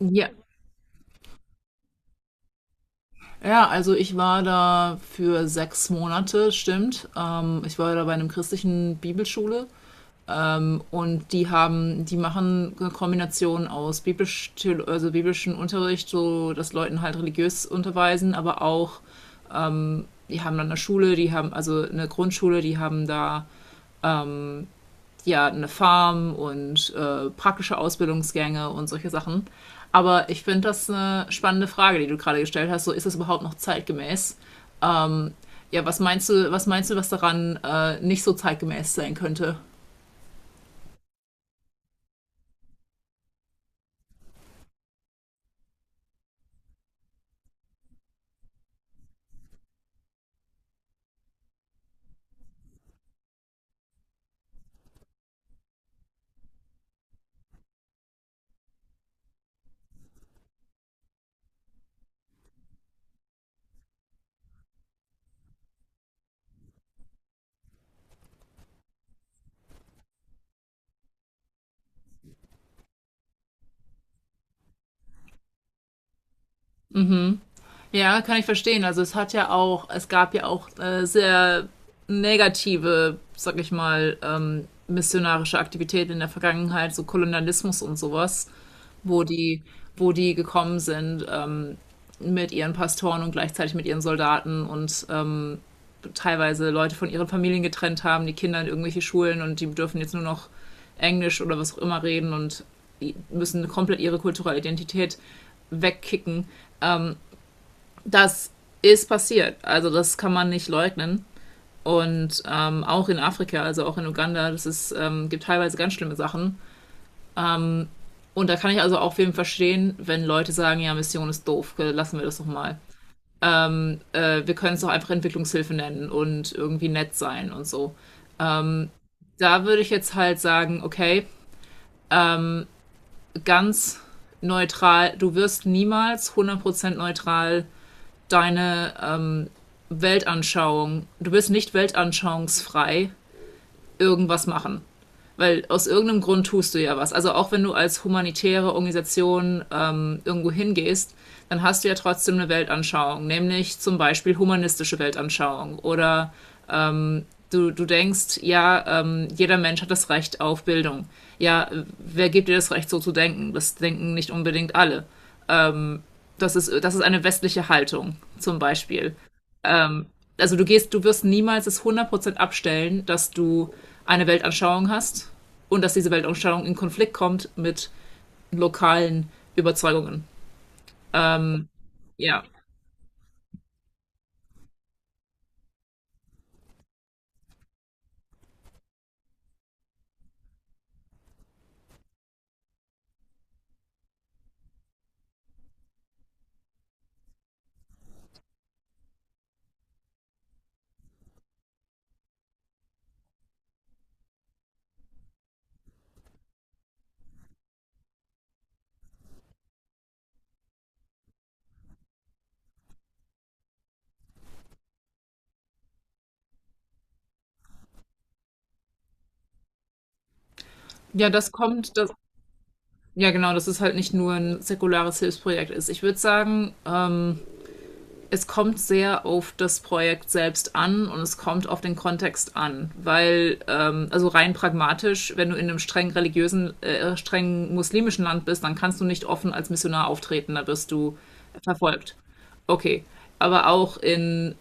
Ja, ja, also ich war da für 6 Monate, stimmt. Ich war da bei einem christlichen Bibelschule und die machen eine Kombination aus also biblischen Unterricht, so dass Leuten halt religiös unterweisen, aber auch, die haben dann eine Schule, die haben also eine Grundschule, die haben da ja eine Farm und praktische Ausbildungsgänge und solche Sachen. Aber ich finde das eine spannende Frage, die du gerade gestellt hast. So, ist das überhaupt noch zeitgemäß? Ja, was meinst du, was daran nicht so zeitgemäß sein könnte? Ja, kann ich verstehen. Also es hat ja auch, es gab ja auch sehr negative, sag ich mal, missionarische Aktivitäten in der Vergangenheit, so Kolonialismus und sowas, wo die, wo die gekommen sind mit ihren Pastoren und gleichzeitig mit ihren Soldaten und teilweise Leute von ihren Familien getrennt haben, die Kinder in irgendwelche Schulen und die dürfen jetzt nur noch Englisch oder was auch immer reden und müssen komplett ihre kulturelle Identität wegkicken. Das ist passiert. Also das kann man nicht leugnen. Und auch in Afrika, also auch in Uganda, gibt teilweise ganz schlimme Sachen. Und da kann ich also auch wem verstehen, wenn Leute sagen, ja, Mission ist doof, lassen wir das doch mal. Wir können es doch einfach Entwicklungshilfe nennen und irgendwie nett sein und so. Da würde ich jetzt halt sagen, okay, ganz neutral, du wirst niemals 100% neutral deine Weltanschauung, du wirst nicht weltanschauungsfrei irgendwas machen. Weil aus irgendeinem Grund tust du ja was. Also auch wenn du als humanitäre Organisation irgendwo hingehst, dann hast du ja trotzdem eine Weltanschauung, nämlich zum Beispiel humanistische Weltanschauung. Oder du denkst, ja, jeder Mensch hat das Recht auf Bildung. Ja, wer gibt dir das Recht, so zu denken? Das denken nicht unbedingt alle. Das ist eine westliche Haltung, zum Beispiel. Also du gehst, du wirst niemals es 100% abstellen, dass du eine Weltanschauung hast und dass diese Weltanschauung in Konflikt kommt mit lokalen Überzeugungen. Ja. Ja, das kommt, das, ja genau, dass es halt nicht nur ein säkulares Hilfsprojekt ist. Ich würde sagen, es kommt sehr auf das Projekt selbst an und es kommt auf den Kontext an, weil also rein pragmatisch, wenn du in einem streng religiösen, streng muslimischen Land bist, dann kannst du nicht offen als Missionar auftreten, da wirst du verfolgt. Okay, aber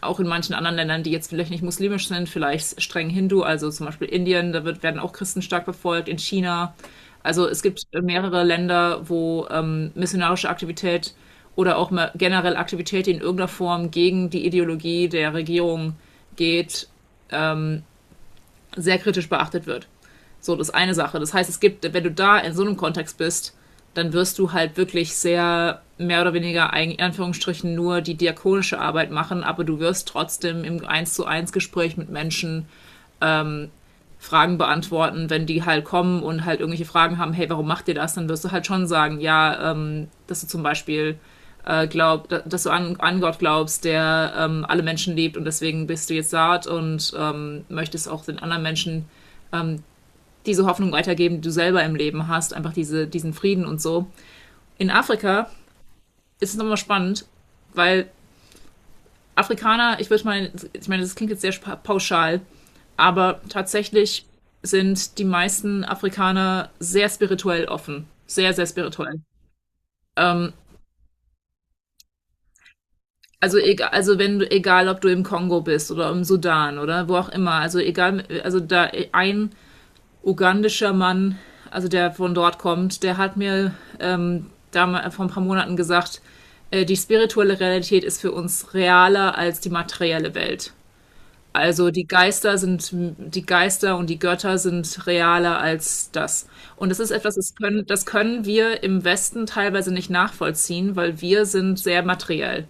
auch in manchen anderen Ländern, die jetzt vielleicht nicht muslimisch sind, vielleicht streng Hindu, also zum Beispiel Indien, werden auch Christen stark verfolgt, in China. Also es gibt mehrere Länder, wo missionarische Aktivität oder auch mal generell Aktivität, die in irgendeiner Form gegen die Ideologie der Regierung geht, sehr kritisch beachtet wird. So, das ist eine Sache. Das heißt, es gibt, wenn du da in so einem Kontext bist, dann wirst du halt wirklich sehr mehr oder weniger in Anführungsstrichen nur die diakonische Arbeit machen, aber du wirst trotzdem im eins zu eins Gespräch mit Menschen Fragen beantworten, wenn die halt kommen und halt irgendwelche Fragen haben, hey, warum macht ihr das? Dann wirst du halt schon sagen, ja, dass du zum Beispiel dass du an Gott glaubst, der alle Menschen liebt und deswegen bist du jetzt saat und möchtest auch den anderen Menschen diese Hoffnung weitergeben, die du selber im Leben hast, einfach diese, diesen Frieden und so. In Afrika ist es nochmal spannend, weil Afrikaner, ich würde mal, ich meine, das klingt jetzt sehr pauschal, aber tatsächlich sind die meisten Afrikaner sehr spirituell offen. Sehr, sehr spirituell. Also egal, also wenn du, egal ob du im Kongo bist oder im Sudan oder wo auch immer, also egal, also da ein ugandischer Mann, also der von dort kommt, der hat mir da vor ein paar Monaten gesagt, die spirituelle Realität ist für uns realer als die materielle Welt. Also die Geister sind, die Geister und die Götter sind realer als das. Und das ist etwas, das können wir im Westen teilweise nicht nachvollziehen, weil wir sind sehr materiell.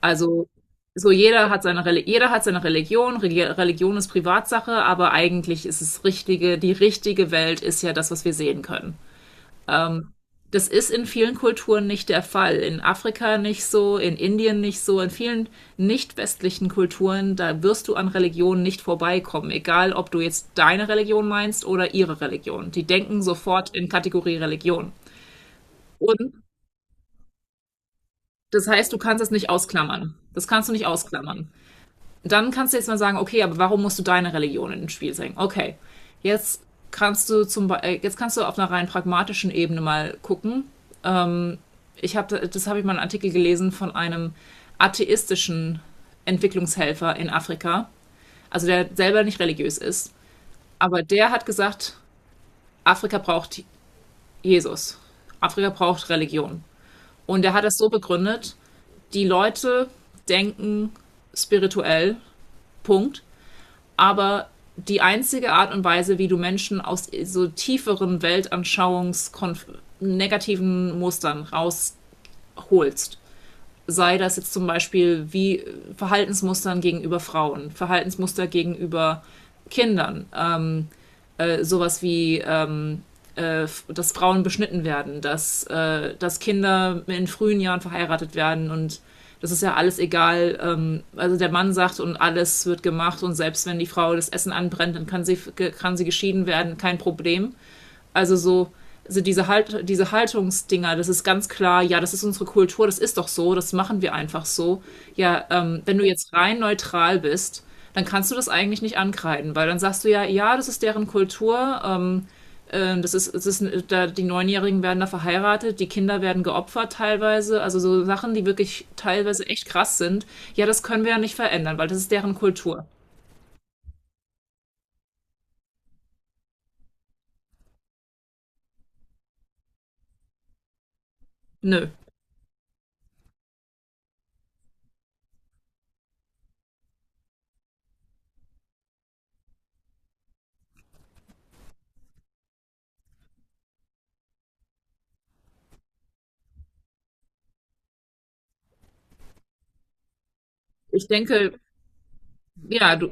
Also so jeder hat seine Religion, Religion ist Privatsache, aber eigentlich ist die richtige Welt ist ja das, was wir sehen können. Das ist in vielen Kulturen nicht der Fall. In Afrika nicht so, in Indien nicht so, in vielen nicht westlichen Kulturen, da wirst du an Religion nicht vorbeikommen, egal ob du jetzt deine Religion meinst oder ihre Religion. Die denken sofort in Kategorie Religion. Und das heißt, du kannst es nicht ausklammern. Das kannst du nicht ausklammern. Dann kannst du jetzt mal sagen, okay, aber warum musst du deine Religion ins Spiel bringen? Okay, jetzt kannst du jetzt kannst du auf einer rein pragmatischen Ebene mal gucken. Ich habe das habe ich mal einen Artikel gelesen von einem atheistischen Entwicklungshelfer in Afrika, also der selber nicht religiös ist, aber der hat gesagt, Afrika braucht Jesus. Afrika braucht Religion. Und er hat das so begründet, die Leute denken spirituell, Punkt. Aber die einzige Art und Weise, wie du Menschen aus so tieferen Weltanschauungs negativen Mustern rausholst, sei das jetzt zum Beispiel wie Verhaltensmustern gegenüber Frauen, Verhaltensmuster gegenüber Kindern, sowas wie dass Frauen beschnitten werden, dass Kinder in frühen Jahren verheiratet werden und das ist ja alles egal. Also der Mann sagt und alles wird gemacht und selbst wenn die Frau das Essen anbrennt, kann sie geschieden werden, kein Problem. Also so, also diese, halt, diese Haltungsdinger, das ist ganz klar, ja, das ist unsere Kultur, das ist doch so, das machen wir einfach so. Ja, wenn du jetzt rein neutral bist, dann kannst du das eigentlich nicht ankreiden, weil dann sagst du ja, ja, das ist deren Kultur, da, die 9-Jährigen werden da verheiratet, die Kinder werden geopfert teilweise, also so Sachen, die wirklich teilweise echt krass sind. Ja, das können wir ja nicht verändern, weil das ist deren Kultur. Nö. Ich denke, ja, du,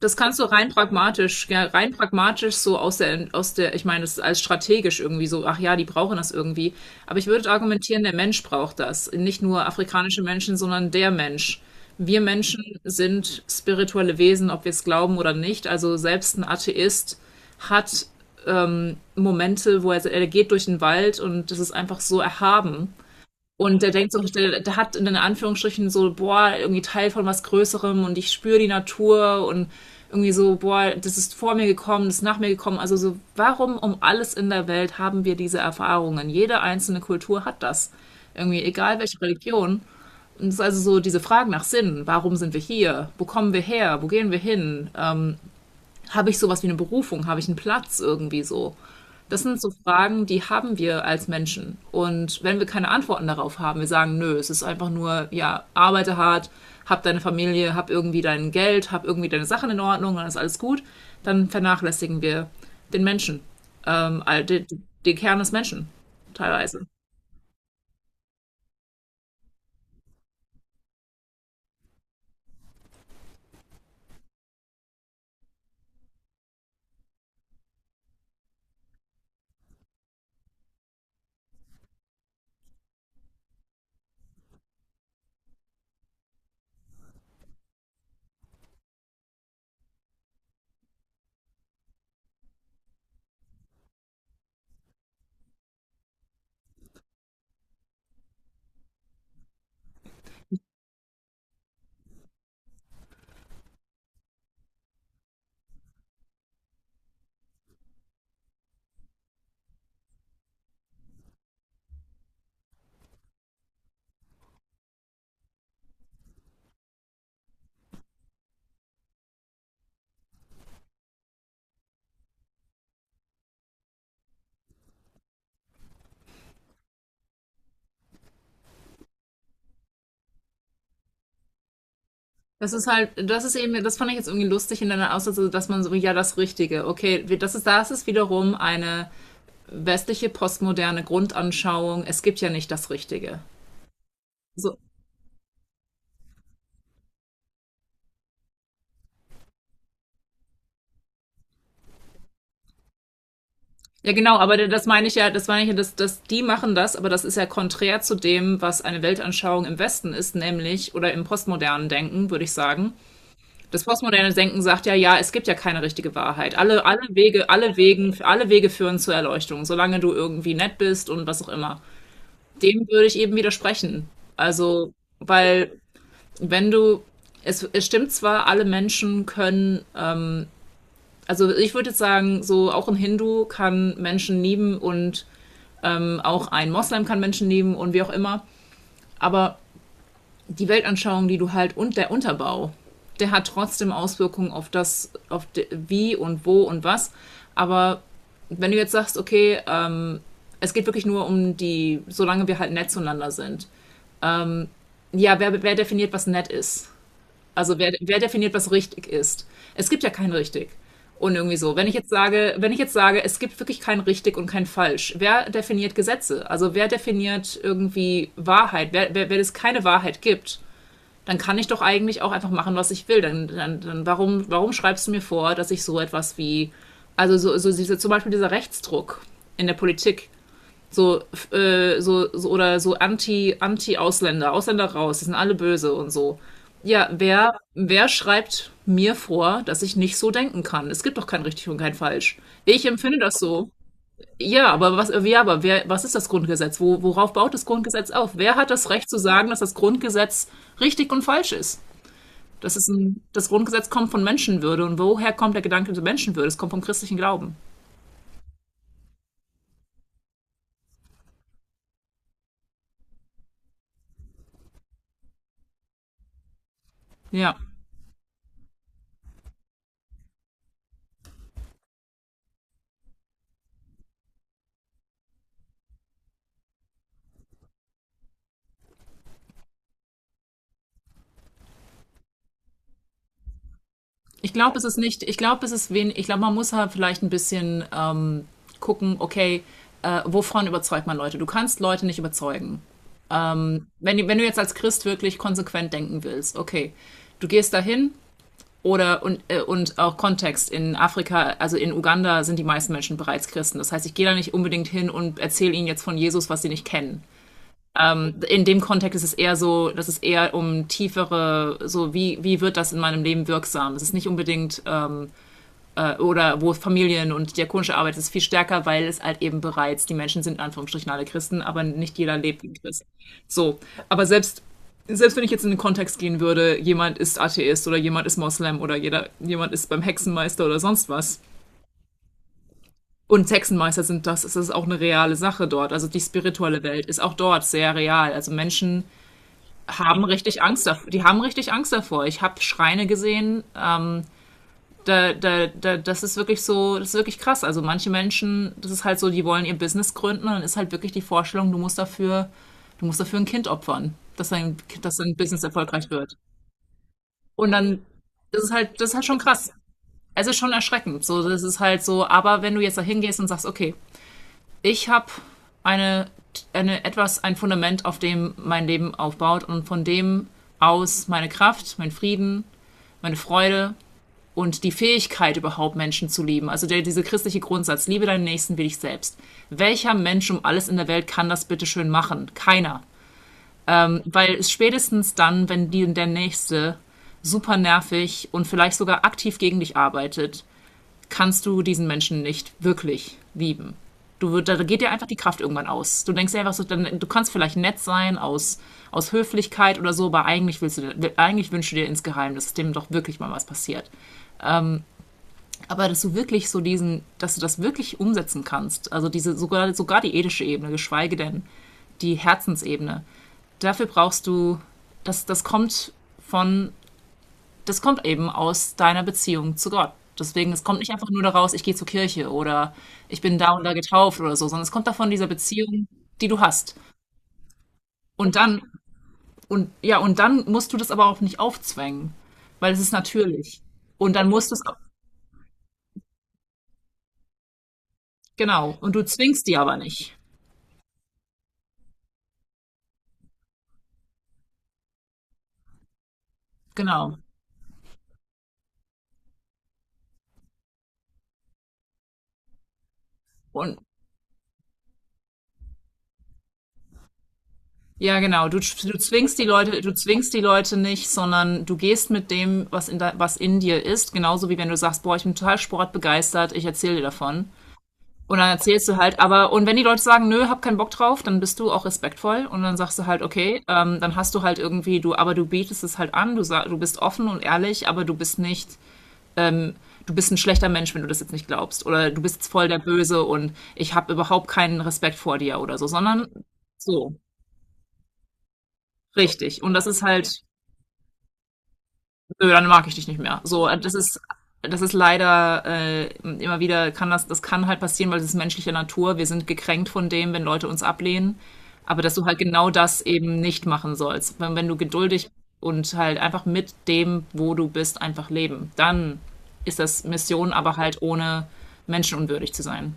Das kannst du rein pragmatisch, ja, rein pragmatisch so aus der, ich meine, das ist als strategisch irgendwie so, ach ja, die brauchen das irgendwie. Aber ich würde argumentieren, der Mensch braucht das. Nicht nur afrikanische Menschen, sondern der Mensch. Wir Menschen sind spirituelle Wesen, ob wir es glauben oder nicht. Also selbst ein Atheist hat Momente, er geht durch den Wald und das ist einfach so erhaben und der denkt so, der hat in Anführungsstrichen so, boah, irgendwie Teil von was Größerem und ich spüre die Natur und irgendwie so, boah, das ist vor mir gekommen, das ist nach mir gekommen. Also so, warum um alles in der Welt haben wir diese Erfahrungen? Jede einzelne Kultur hat das. Irgendwie, egal welche Religion. Und es ist also so diese Frage nach Sinn. Warum sind wir hier? Wo kommen wir her? Wo gehen wir hin? Habe ich sowas wie eine Berufung? Habe ich einen Platz irgendwie so? Das sind so Fragen, die haben wir als Menschen. Und wenn wir keine Antworten darauf haben, wir sagen, nö, es ist einfach nur, ja, arbeite hart, hab deine Familie, hab irgendwie dein Geld, hab irgendwie deine Sachen in Ordnung, dann ist alles gut, dann vernachlässigen wir den Menschen, ähm, all- den, den Kern des Menschen teilweise. Das ist halt, das ist eben, das fand ich jetzt irgendwie lustig in deiner Aussage, dass man so, ja, das Richtige, okay, das ist wiederum eine westliche postmoderne Grundanschauung, es gibt ja nicht das Richtige. So. Ja, genau, aber das meine ich ja, das meine ich ja, dass die machen das, aber das ist ja konträr zu dem, was eine Weltanschauung im Westen ist, nämlich, oder im postmodernen Denken, würde ich sagen. Das postmoderne Denken sagt ja, ja, es gibt ja keine richtige Wahrheit. Alle Wege führen zur Erleuchtung, solange du irgendwie nett bist und was auch immer. Dem würde ich eben widersprechen. Also, weil, wenn du, es stimmt zwar, alle Menschen können. Also ich würde jetzt sagen, so auch ein Hindu kann Menschen lieben und auch ein Moslem kann Menschen lieben und wie auch immer. Aber die Weltanschauung, die du halt und der Unterbau, der hat trotzdem Auswirkungen auf das, auf wie und wo und was. Aber wenn du jetzt sagst, okay, es geht wirklich nur um die, solange wir halt nett zueinander sind. Ja, wer definiert, was nett ist? Also wer definiert, was richtig ist? Es gibt ja kein richtig. Und irgendwie so, wenn ich jetzt sage, es gibt wirklich kein richtig und kein falsch, wer definiert Gesetze? Also wer definiert irgendwie Wahrheit? Wenn es keine Wahrheit gibt, dann kann ich doch eigentlich auch einfach machen, was ich will. Dann warum schreibst du mir vor, dass ich so etwas wie, also so diese, zum Beispiel dieser Rechtsdruck in der Politik, so, oder so anti, anti Ausländer, Ausländer raus, die sind alle böse und so. Ja, wer schreibt mir vor, dass ich nicht so denken kann? Es gibt doch kein richtig und kein falsch. Ich empfinde das so. Ja, aber was, ja, aber wer, was ist das Grundgesetz? Worauf baut das Grundgesetz auf? Wer hat das Recht zu sagen, dass das Grundgesetz richtig und falsch ist? Das Grundgesetz kommt von Menschenwürde, und woher kommt der Gedanke zur Menschenwürde? Es kommt vom christlichen Glauben. Ja. Ich glaube, es ist nicht, ich glaube, es ist wenig, Ich glaube, man muss halt vielleicht ein bisschen gucken, okay, wovon überzeugt man Leute? Du kannst Leute nicht überzeugen. Wenn du jetzt als Christ wirklich konsequent denken willst, okay, du gehst dahin oder und auch Kontext in Afrika, also in Uganda sind die meisten Menschen bereits Christen. Das heißt, ich gehe da nicht unbedingt hin und erzähle ihnen jetzt von Jesus, was sie nicht kennen. In dem Kontext ist es eher so, dass es eher um tiefere, so wie wird das in meinem Leben wirksam? Es ist nicht unbedingt, oder wo Familien und diakonische Arbeit ist viel stärker, weil es halt eben bereits, die Menschen sind in Anführungsstrichen alle Christen, aber nicht jeder lebt wie Christ. So, aber selbst selbst wenn ich jetzt in den Kontext gehen würde, jemand ist Atheist oder jemand ist Moslem oder jemand ist beim Hexenmeister oder sonst was. Und Hexenmeister sind das, es ist auch eine reale Sache dort. Also die spirituelle Welt ist auch dort sehr real. Also Menschen haben richtig Angst davor. Die haben richtig Angst davor. Ich habe Schreine gesehen, das ist wirklich so, das ist wirklich krass. Also manche Menschen, das ist halt so, die wollen ihr Business gründen und dann ist halt wirklich die Vorstellung, du musst dafür ein Kind opfern, dass dein Business erfolgreich wird. Und dann, das ist halt schon krass. Es ist schon erschreckend. So, das ist halt so, aber wenn du jetzt da hingehst und sagst, okay, ich habe eine, ein Fundament, auf dem mein Leben aufbaut und von dem aus meine Kraft, mein Frieden, meine Freude, und die Fähigkeit überhaupt Menschen zu lieben, also dieser christliche Grundsatz, liebe deinen Nächsten wie dich selbst. Welcher Mensch um alles in der Welt kann das bitte schön machen? Keiner. Weil es spätestens dann, wenn der Nächste super nervig und vielleicht sogar aktiv gegen dich arbeitet, kannst du diesen Menschen nicht wirklich lieben. Du da geht dir einfach die Kraft irgendwann aus. Du denkst dir einfach so, du kannst vielleicht nett sein aus Höflichkeit oder so, aber eigentlich wünschst du dir insgeheim, dass dem doch wirklich mal was passiert. Aber dass du das wirklich umsetzen kannst, also diese sogar, sogar die ethische Ebene, geschweige denn die Herzensebene, dafür brauchst du, das, das kommt von, das kommt eben aus deiner Beziehung zu Gott. Deswegen, es kommt nicht einfach nur daraus, ich gehe zur Kirche oder ich bin da und da getauft oder so, sondern es kommt davon dieser Beziehung, die du hast. Und dann, und ja, und dann musst du das aber auch nicht aufzwängen, weil es ist natürlich. Und dann musst du es, genau, und du zwingst die aber nicht. Genau. Und ja, genau. Du zwingst die Leute, du zwingst die Leute nicht, sondern du gehst mit dem, was was in dir ist. Genauso wie wenn du sagst, boah, ich bin total sportbegeistert, ich erzähle dir davon. Und dann erzählst du halt, aber, und wenn die Leute sagen, nö, hab keinen Bock drauf, dann bist du auch respektvoll und dann sagst du halt, okay, dann hast du halt irgendwie, aber du bietest es halt an, du bist offen und ehrlich, aber du bist nicht, du bist ein schlechter Mensch, wenn du das jetzt nicht glaubst. Oder du bist jetzt voll der Böse und ich habe überhaupt keinen Respekt vor dir oder so, sondern so, richtig. Und das ist halt, nö, dann mag ich dich nicht mehr. So, das ist leider immer wieder, das kann halt passieren, weil das ist menschliche Natur. Wir sind gekränkt von dem, wenn Leute uns ablehnen. Aber dass du halt genau das eben nicht machen sollst. Wenn du geduldig und halt einfach mit dem, wo du bist, einfach leben, dann ist das Mission, aber halt ohne menschenunwürdig zu sein.